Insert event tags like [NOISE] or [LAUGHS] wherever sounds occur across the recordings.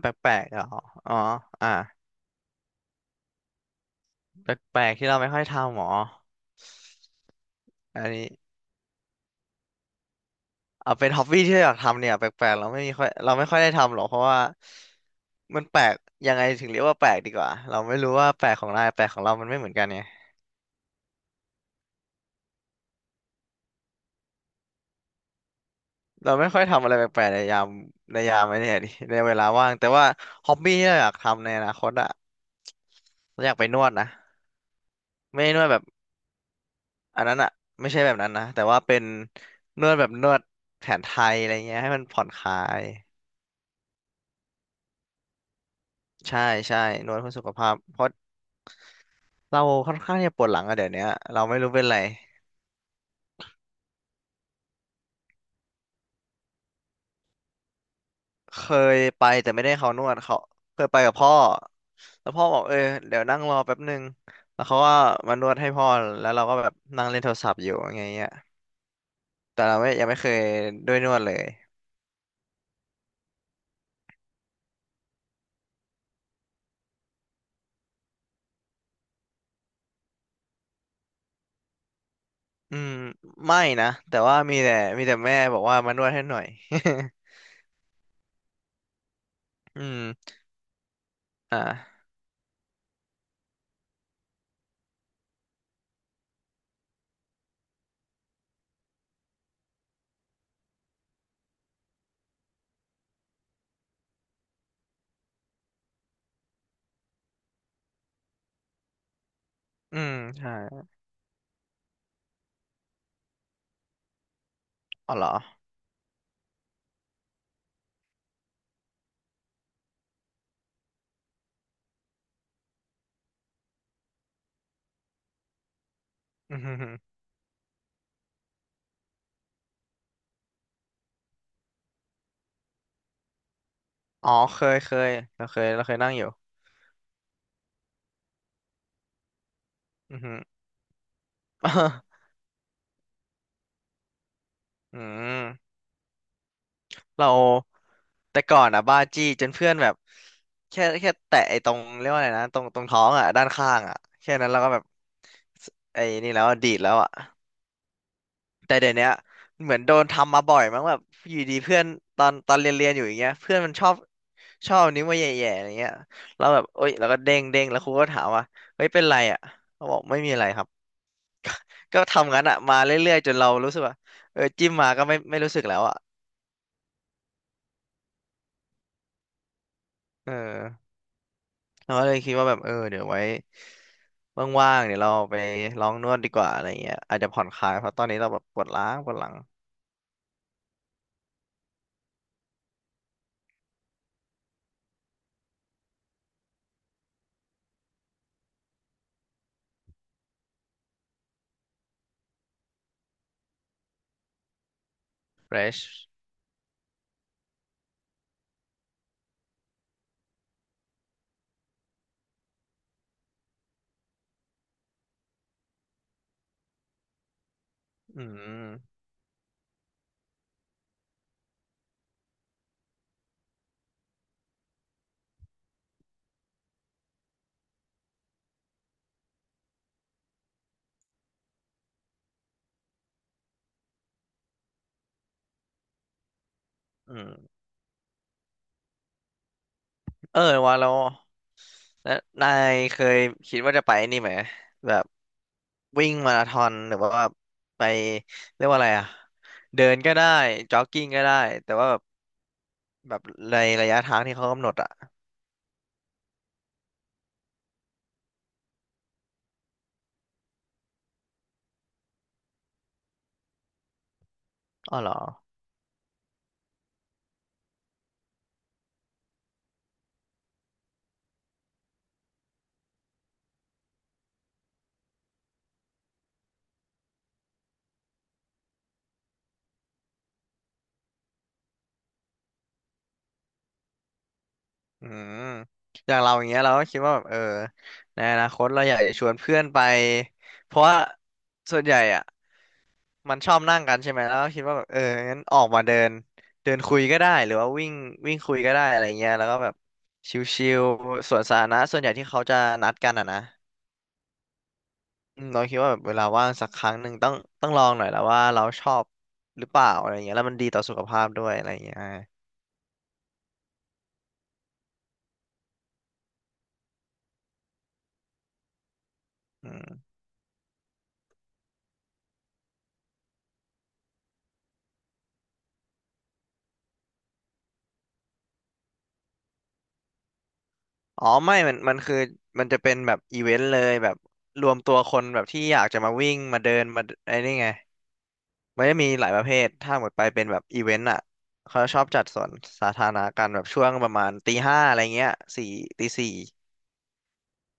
แปลกๆเหรออ๋ออ่าแปลกๆที่เราไม่ค่อยทำหมออันนี้เอาเป็นฮ็อบบี้ที่เราอยากทำเนี่ยแปลกๆเราไม่ค่อยได้ทำหรอกเพราะว่ามันแปลกยังไงถึงเรียกว่าแปลกดีกว่าเราไม่รู้ว่าแปลกของนายแปลกของเรามันไม่เหมือนกันไงเราไม่ค่อยทำอะไรแปลกๆในยามไอ้เนี่ยดิในเวลาว่างแต่ว่าฮ็อบบี้ที่เราอยากทำในอนาคตอะเราอยากไปนวดนะไม่ได้นวดแบบอันนั้นอะไม่ใช่แบบนั้นนะแต่ว่าเป็นนวดแบบนวดแผนไทยอะไรเงี้ยให้มันผ่อนคลาย ใช่ใช่นวดเพื่อสุขภาพเพราะเราค่อนข้างที่จะปวดหลังอะเดี๋ยวเนี้ยเราไม่รู้เป็นไรเคยไปแต่ไม่ได้เขานวดเขาเคยไปกับพ่อแล้วพ่อบอกเออเดี๋ยวนั่งรอแป๊บนึงแล้วเขาก็มานวดให้พ่อแล้วเราก็แบบนั่งเล่นโทรศัพท์อยู่อย่างเงี้ยแต่เราไม่ยังไม่เคยด้วยนวดเลยอืมไม่นะแต่ว่ามีแต่แม่บอกว่ามานวดให้หน่อย [LAUGHS] อืมอ่าอืมใช่อ๋อเหรออืมอหืออ๋อเคยเคยเราเคยนั่งอยู่อือหือ [LAUGHS] อืมเราแต่ก่อนอ่ะบ้าจี้จนเพื่อนแบบแค่แตะไอ้ตรงเรียกว่าอะไรนะตรงท้องอ่ะด้านข้างอ่ะแค่นั้นเราก็แบบสไอ้นี่แล้วอะดีดแล้วอ่ะแต่เดี๋ยวเนี้ยเหมือนโดนทำมาบ่อยมั้งแบบอยู่ดีเพื่อนตอนเรียนอยู่อย่างเงี้ยเพื่อนมันชอบนิ้วมาแย่ๆอะไรเงี้ยเราแบบเอ้ยเราก็เด้งเด้งแล้วครูก็ถามว่าเฮ้ยเป็นไรอ่ะเขาบอกไม่มีอะไรครับก็ทำงั้นอ่ะมาเรื่อยๆจนเรารู้สึกว่าเออจิ้มมาก็ไม่รู้สึกแล้วอ่ะเออ เราก็เลยคิดว่าแบบเออเดี๋ยวไว้ว่างๆเดี๋ยวเราไปลองนวดดีกว่าอะไรเงี้ยอาจจะผ่อนคลายเพราะตอนนี้เราแบบปวดล้างปวดหลังเฟรชอืมอืมเออว่าเราแล้วนายเคยคิดว่าจะไปนี่ไหมแบบวิ่งมาราธอนหรือว่าไปเรียกว่าอะไรอะเดินก็ได้จ็อกกิ้งก็ได้แต่ว่าแบบในระยะทางที่เขากำหนดอะอ๋อเหรอ อืมอย่างเราอย่างเงี้ยเราก็คิดว่าแบบเออในอนาคตเราอยากจะชวนเพื่อนไปเพราะว่าส่วนใหญ่อ่ะมันชอบนั่งกันใช่ไหมแล้วก็คิดว่าแบบเอองั้นออกมาเดินเดินคุยก็ได้หรือว่าวิ่งวิ่งคุยก็ได้อะไรเงี้ยแล้วก็แบบชิลๆสวนสาธารณะส่วนใหญ่ที่เขาจะนัดกันอ่ะนะอืมเราคิดว่าแบบเวลาว่างสักครั้งหนึ่งต้องลองหน่อยแล้วว่าเราชอบหรือเปล่าอะไรเงี้ยแล้วมันดีต่อสุขภาพด้วยอะไรเงี้ย อ๋อไม่มันคือมันจะเป็นแบบอีเวนต์เลยแบบรวมตัวคนแบบที่อยากจะมาวิ่งมาเดินมาไอ้นี่ไงมันจะมีหลายประเภทถ้าหมดไปเป็นแบบอีเวนต์อ่ะเขาชอบจัดสวนสาธารณะกันแบบช่วงประมาณตี 5อะไรเงี้ยสี่ตี 4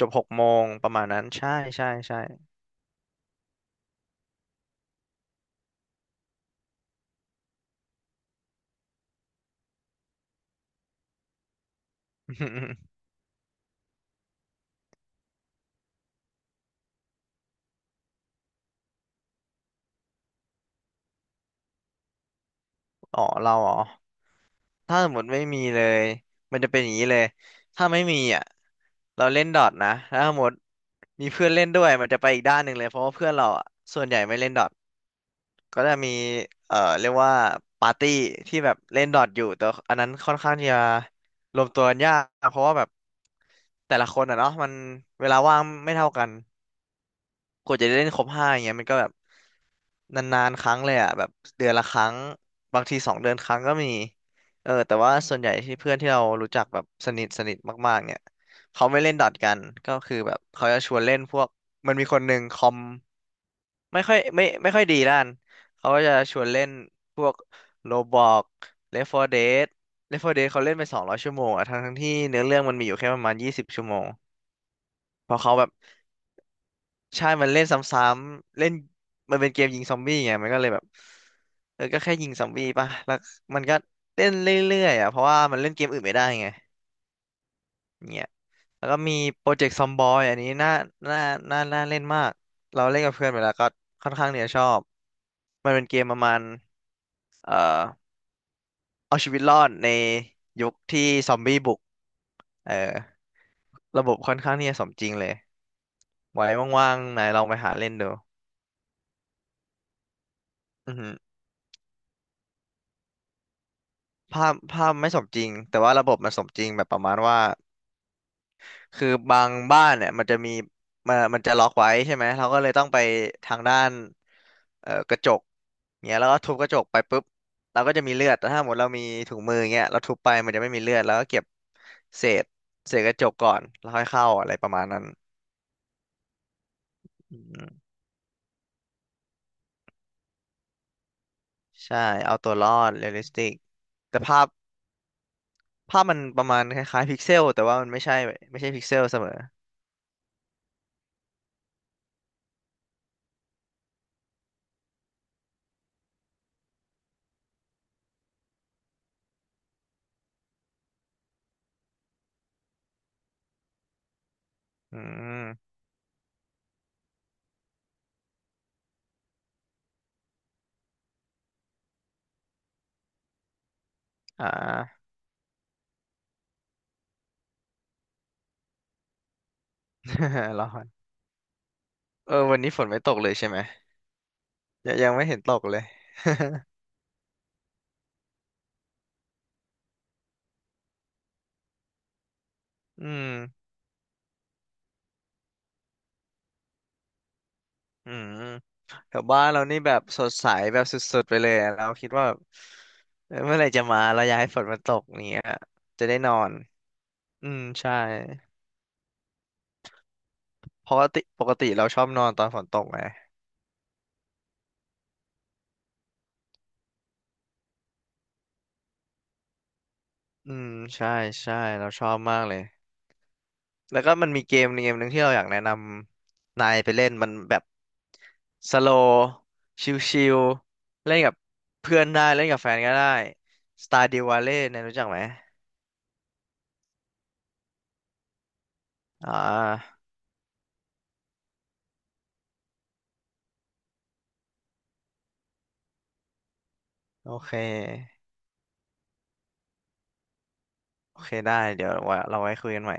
จบ6 โมงประมาณนั้นใช่ใช่ใช่ [LAUGHS] อ๋อเราอ๋อถ้าสมมติไม่มีเลยมันจะเป็นอย่างนี้เลย ถ้าไม่มีอ่ะเราเล่นดอทนะถ้าสมมติมีเพื่อนเล่นด้วยมันจะไปอีกด้านหนึ่งเลยเพราะว่าเพื่อนเราอ่ะส่วนใหญ่ไม่เล่นดอท ก็จะมีเรียกว่าปาร์ตี้ที่แบบเล่นดอทอยู่แต่อันนั้นค่อนข้างที่จะรวมตัวกันยากเพราะว่าแบบแต่ละคนอะเนาะมันเวลาว่างไม่เท่ากันกว่าจะได้เล่นครบห้าอย่างเงี้ยมันก็แบบนานๆครั้งเลยอ่ะแบบเดือนละครั้งบางที2 เดือนครั้งก็มีเออแต่ว่าส่วนใหญ่ที่เพื่อนที่เรารู้จักแบบสนิทสนิทมากๆเนี่ยเขาไม่เล่นดอทกันก็คือแบบเขาจะชวนเล่นพวกมันมีคนหนึ่งคอม ไม่ค่อยไม่ค่อยดีด้านเขาก็จะชวนเล่นพวกโรบอกเลฟ4 Dead เลฟ4 Dead เขาเล่นไป200 ชั่วโมงอะทั้งที่เนื้อเรื่องมันมีอยู่แค่ประมาณ20 ชั่วโมงเพราะเขาแบบใช่มันเล่นซ้ำๆเล่นมันเป็นเกมยิงซอมบี้ไงมันก็เลยแบบเออก็แค่ยิงซอมบี้ป่ะแล้วมันก็เล่นเรื่อยๆอ่ะเพราะว่ามันเล่นเกมอื่นไม่ได้ไงเนี่ยแล้วก็มีโปรเจกต์ซอมบอยอันนี้น่าน่าเล่นมากเราเล่นกับเพื่อนไปแล้วก็ค่อนข้างเนี่ยชอบมันเป็นเกมประมาณ เอ่อเอาชีวิตรอดในยุคที่ซอมบี้บุกเออระบบค่อนข้างที่จะสมจริงเลยไว้ว่างๆนายลองไปหาเล่นดูอือหือภาพไม่สมจริงแต่ว่าระบบมันสมจริงแบบประมาณว่าคือบางบ้านเนี่ยมันจะมีมันจะล็อกไว้ใช่ไหมเราก็เลยต้องไปทางด้านกระจกเงี้ยแล้วก็ทุบกระจกไปปุ๊บเราก็จะมีเลือดแต่ถ้าหมดเรามีถุงมือเงี้ยเราทุบไปมันจะไม่มีเลือดแล้วก็เก็บเศษเศษกระจกก่อนแล้วค่อยเข้าอะไรประมาณนั้นอืม ใช่เอาตัวรอดเรียลลิสติกแต่ภาพมันประมาณคล้ายๆพิกเซลแต่ว่ามันไม่ใช่พิกเซลเสมออืมอ่า [LAUGHS] ร้อนเออวันนี้ฝนไม่ตกเลยใช่ไหมยังไม่เห็นตกเลย [LAUGHS] อืมอืมแถวบ้านเรานี่แบบสดใสแบบสุดๆไปเลยอะเราคิดว่าแบบเออเมื่อไหร่จะมาเราอยากให้ฝนมันตกอย่างเนี้ยจะได้นอนอืมใช่ปกติเราชอบนอนตอนฝนตกไงอืมใช่ใช่เราชอบมากเลย แล้วก็มันมีเกมเกมหนึ่งที่เราอยากแนะนำนายไปเล่นมันแบบสโลว์ชิลๆเล่นกับเพื่อนได้เล่นกับแฟนก็ได้ Stardew Valley เนี่ยรู้จักไหม อ่าโอเคโอเคได้เดี๋ยวว่าเราไว้คุยกันใหม่